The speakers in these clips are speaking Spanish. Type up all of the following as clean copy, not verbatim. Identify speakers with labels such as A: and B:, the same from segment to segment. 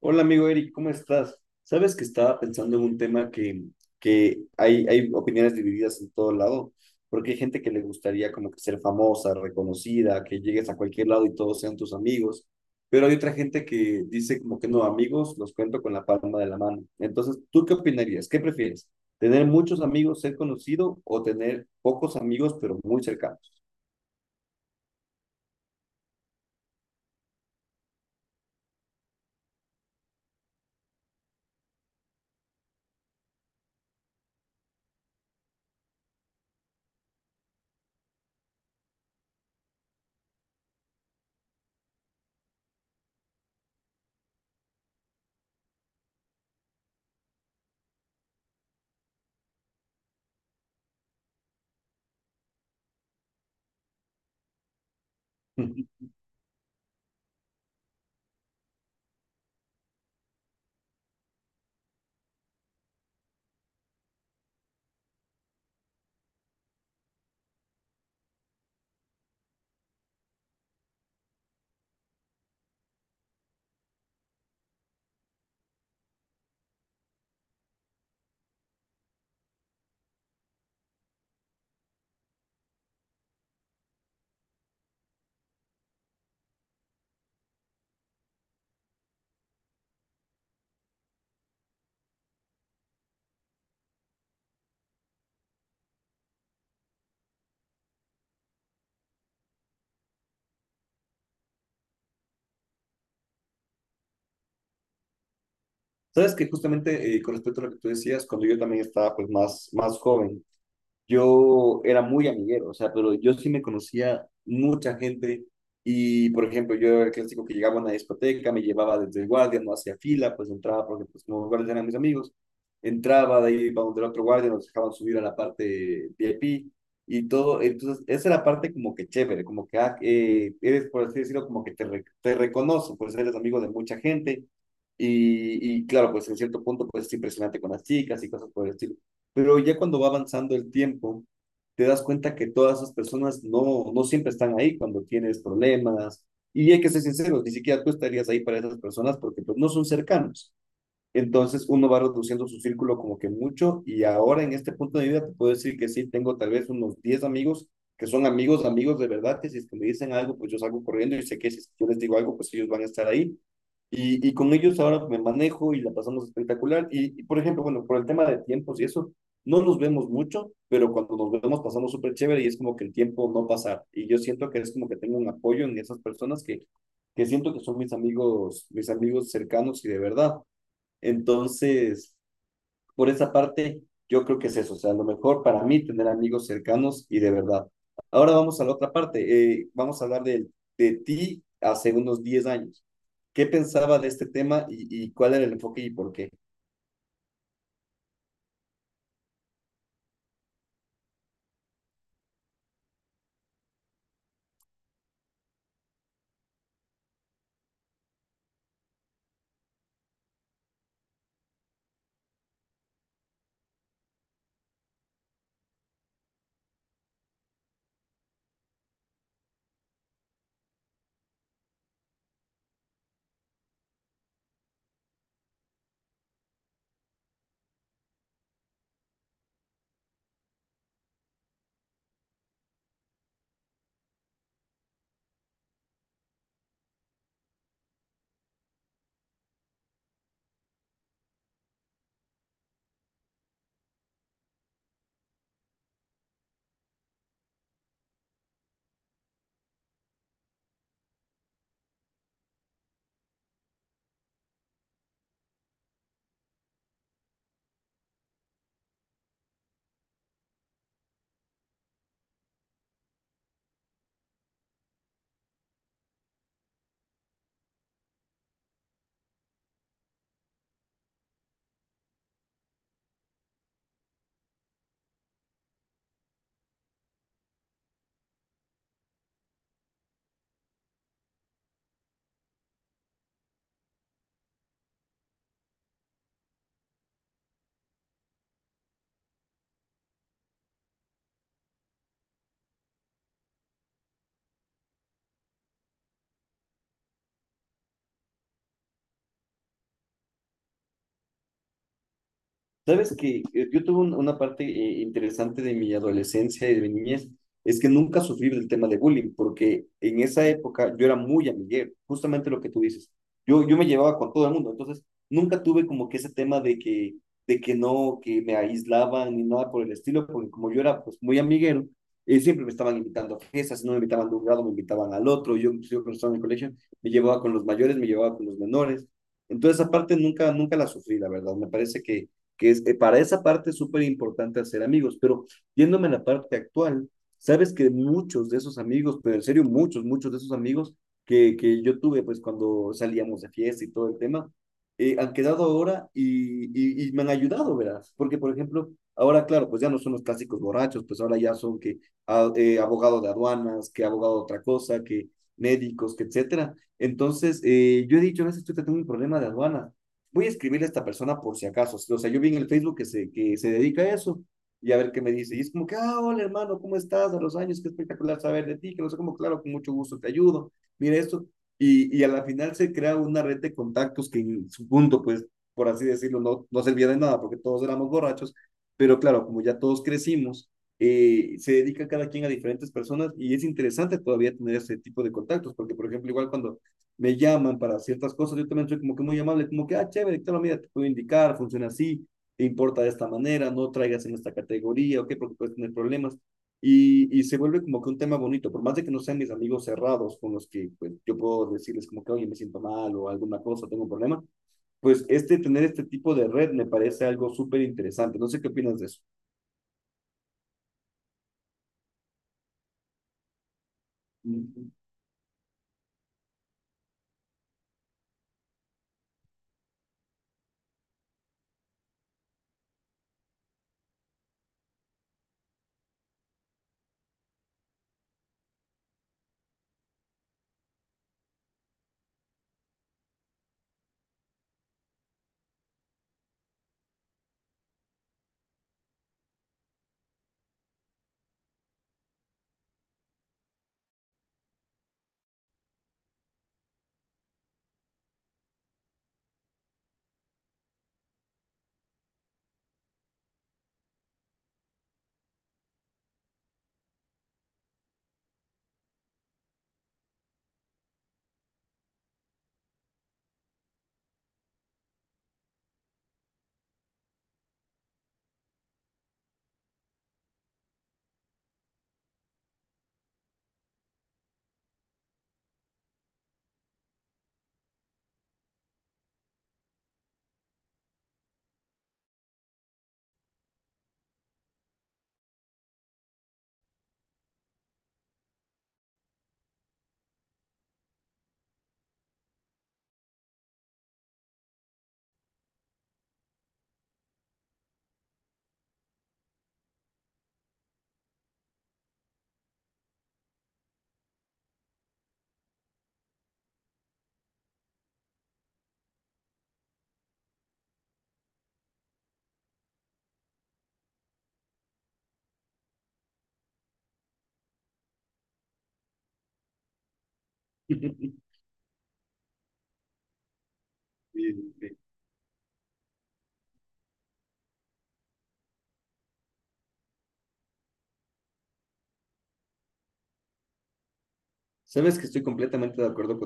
A: Hola amigo Eric, ¿cómo estás? Sabes que estaba pensando en un tema que hay opiniones divididas en todo lado, porque hay gente que le gustaría como que ser famosa, reconocida, que llegues a cualquier lado y todos sean tus amigos, pero hay otra gente que dice como que no, amigos los cuento con la palma de la mano. Entonces, ¿tú qué opinarías? ¿Qué prefieres? ¿Tener muchos amigos, ser conocido o tener pocos amigos, pero muy cercanos? Sabes que justamente con respecto a lo que tú decías, cuando yo también estaba pues más, más joven, yo era muy amiguero, o sea, pero yo sí me conocía mucha gente y, por ejemplo, yo era el clásico que llegaba a una discoteca, me llevaba desde el guardia, no hacía fila, pues entraba porque pues como guardias eran mis amigos, entraba de ahí iba donde el otro guardia, nos dejaban subir a la parte VIP y todo, entonces esa es la parte como que chévere, como que ah, eres, por así decirlo, como que te reconocen, pues eres amigo de mucha gente. Y claro, pues en cierto punto, pues es impresionante con las chicas y cosas por el estilo. Pero ya cuando va avanzando el tiempo, te das cuenta que todas esas personas no, no siempre están ahí cuando tienes problemas. Y hay que ser sinceros, ni siquiera tú estarías ahí para esas personas porque pues, no son cercanos. Entonces uno va reduciendo su círculo como que mucho y ahora en este punto de vida te puedo decir que sí, tengo tal vez unos 10 amigos que son amigos, amigos de verdad, que si es que me dicen algo, pues yo salgo corriendo y sé que si yo les digo algo, pues ellos van a estar ahí. Y con ellos ahora me manejo y la pasamos espectacular. Y, por ejemplo, bueno, por el tema de tiempos y eso, no nos vemos mucho, pero cuando nos vemos pasamos súper chévere y es como que el tiempo no pasa. Y yo siento que es como que tengo un apoyo en esas personas que siento que son mis amigos cercanos y de verdad. Entonces, por esa parte, yo creo que es eso. O sea, lo mejor para mí tener amigos cercanos y de verdad. Ahora vamos a la otra parte. Vamos a hablar de ti hace unos 10 años. ¿Qué pensaba de este tema y cuál era el enfoque y por qué? Sabes que yo tuve una parte interesante de mi adolescencia y de mi niñez, es que nunca sufrí del tema de bullying, porque en esa época yo era muy amiguero, justamente lo que tú dices. Yo me llevaba con todo el mundo, entonces nunca tuve como que ese tema de que no, que me aislaban ni nada por el estilo, porque como yo era pues muy amiguero, siempre me estaban invitando a fiestas, si no me invitaban de un grado, me invitaban al otro, yo, pues, yo cuando estaba en el colegio, me llevaba con los mayores, me llevaba con los menores. Entonces, aparte, nunca, nunca la sufrí, la verdad. Me parece que es, para esa parte es súper importante hacer amigos, pero yéndome a la parte actual, sabes que muchos de esos amigos, pero en serio muchos, muchos de esos amigos que yo tuve pues cuando salíamos de fiesta y todo el tema, han quedado ahora y me han ayudado, verás, porque por ejemplo, ahora claro, pues ya no son los clásicos borrachos, pues ahora ya son que abogado de aduanas, que abogado de otra cosa, que médicos, que etcétera. Entonces, yo he dicho, a veces estoy teniendo un problema de aduanas voy a escribirle a esta persona por si acaso. O sea, yo vi en el Facebook que se dedica a eso y a ver qué me dice. Y es como que, ah, hola hermano, ¿cómo estás? A los años, qué espectacular saber de ti, que no sé cómo, claro, con mucho gusto te ayudo. Mira esto. Y a la final se crea una red de contactos que en su punto, pues, por así decirlo, no, no servía de nada porque todos éramos borrachos. Pero claro, como ya todos crecimos, se dedica cada quien a diferentes personas y es interesante todavía tener ese tipo de contactos, porque por ejemplo, igual cuando me llaman para ciertas cosas, yo también soy como que muy amable, como que, ah, chévere, claro, mira, te puedo indicar, funciona así, te importa de esta manera, no traigas en esta categoría, ok, porque puedes tener problemas. Y se vuelve como que un tema bonito, por más de que no sean mis amigos cerrados con los que pues, yo puedo decirles como que, oye, me siento mal o alguna cosa, tengo un problema, pues este, tener este tipo de red me parece algo súper interesante. No sé qué opinas de eso. Sí, sí. Sabes que estoy completamente de acuerdo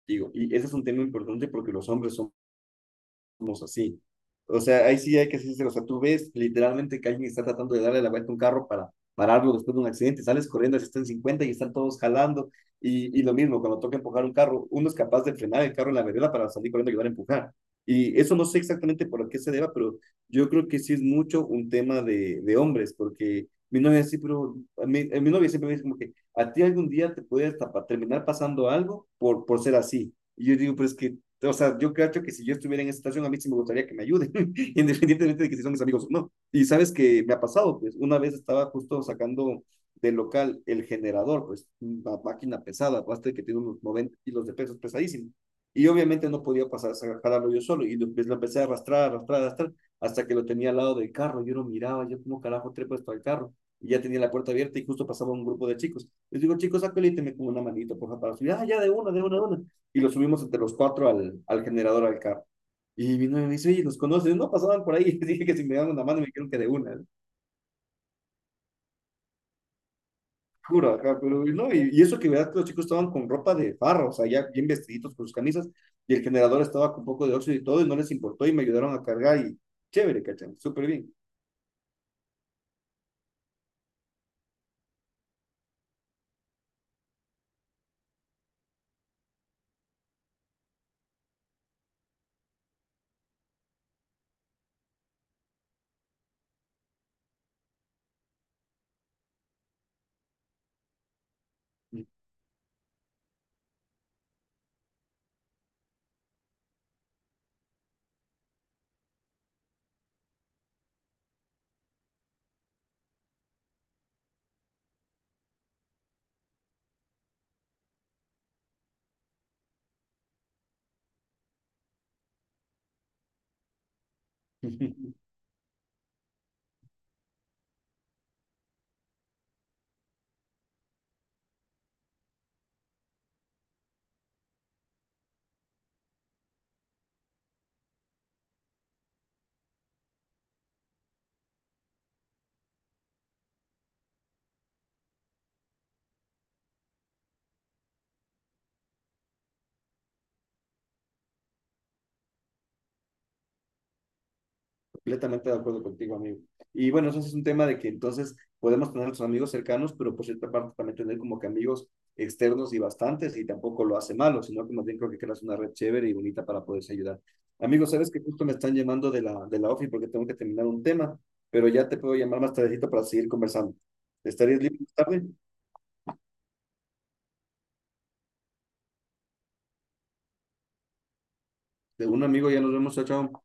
A: contigo y ese es un tema importante porque los hombres son somos así. O sea, ahí sí hay que ser sincero. O sea, tú ves literalmente que alguien está tratando de darle la vuelta a un carro para pararlo después de un accidente, sales corriendo, así están 50 y están todos jalando, y lo mismo, cuando toca empujar un carro, uno es capaz de frenar el carro en la vereda para salir corriendo y ayudar a empujar. Y eso no sé exactamente por qué se deba, pero yo creo que sí es mucho un tema de hombres, porque mi novia sí, pero a mi novia siempre me dice como que a ti algún día te puede hasta terminar pasando algo por ser así. Y yo digo, pero es que o sea, yo creo que si yo estuviera en esa situación, a mí sí me gustaría que me ayuden, independientemente de que si son mis amigos o no. Y sabes que me ha pasado, pues una vez estaba justo sacando del local el generador, pues una máquina pesada, basta que tiene unos 90 kilos de pesos pesadísimo. Y obviamente no podía pasar, jalarlo yo solo. Y lo, pues, lo empecé a arrastrar, arrastrar, arrastrar, hasta que lo tenía al lado del carro. Yo lo miraba, yo como carajo trepo esto al carro. Y ya tenía la puerta abierta y justo pasaba un grupo de chicos. Les digo, chicos, saco y me como una manito, por favor, para subir. Ah, ya, de una, de una, de una y lo subimos entre los cuatro al generador, al carro. Y mi novia me dice, oye, ¿nos conoces? No, pasaban por ahí. Y dije que si me daban una mano, me dijeron que de una. ¿No? Juro, acá, pero no. Y eso que verdad que los chicos estaban con ropa de farro, o sea, ya bien vestiditos con sus camisas. Y el generador estaba con un poco de óxido y todo, y no les importó. Y me ayudaron a cargar. Y chévere, ¿cachan? Súper bien. Completamente de acuerdo contigo, amigo. Y bueno, eso es un tema de que entonces podemos tener a nuestros amigos cercanos, pero por cierta parte también tener como que amigos externos y bastantes, y tampoco lo hace malo, sino que más bien creo que creas una red chévere y bonita para poderse ayudar. Amigos, sabes que justo me están llamando de la OFI porque tengo que terminar un tema, pero ya te puedo llamar más tardecito para seguir conversando. ¿Estarías libre más tarde? De un amigo, ya nos vemos, chao, chao.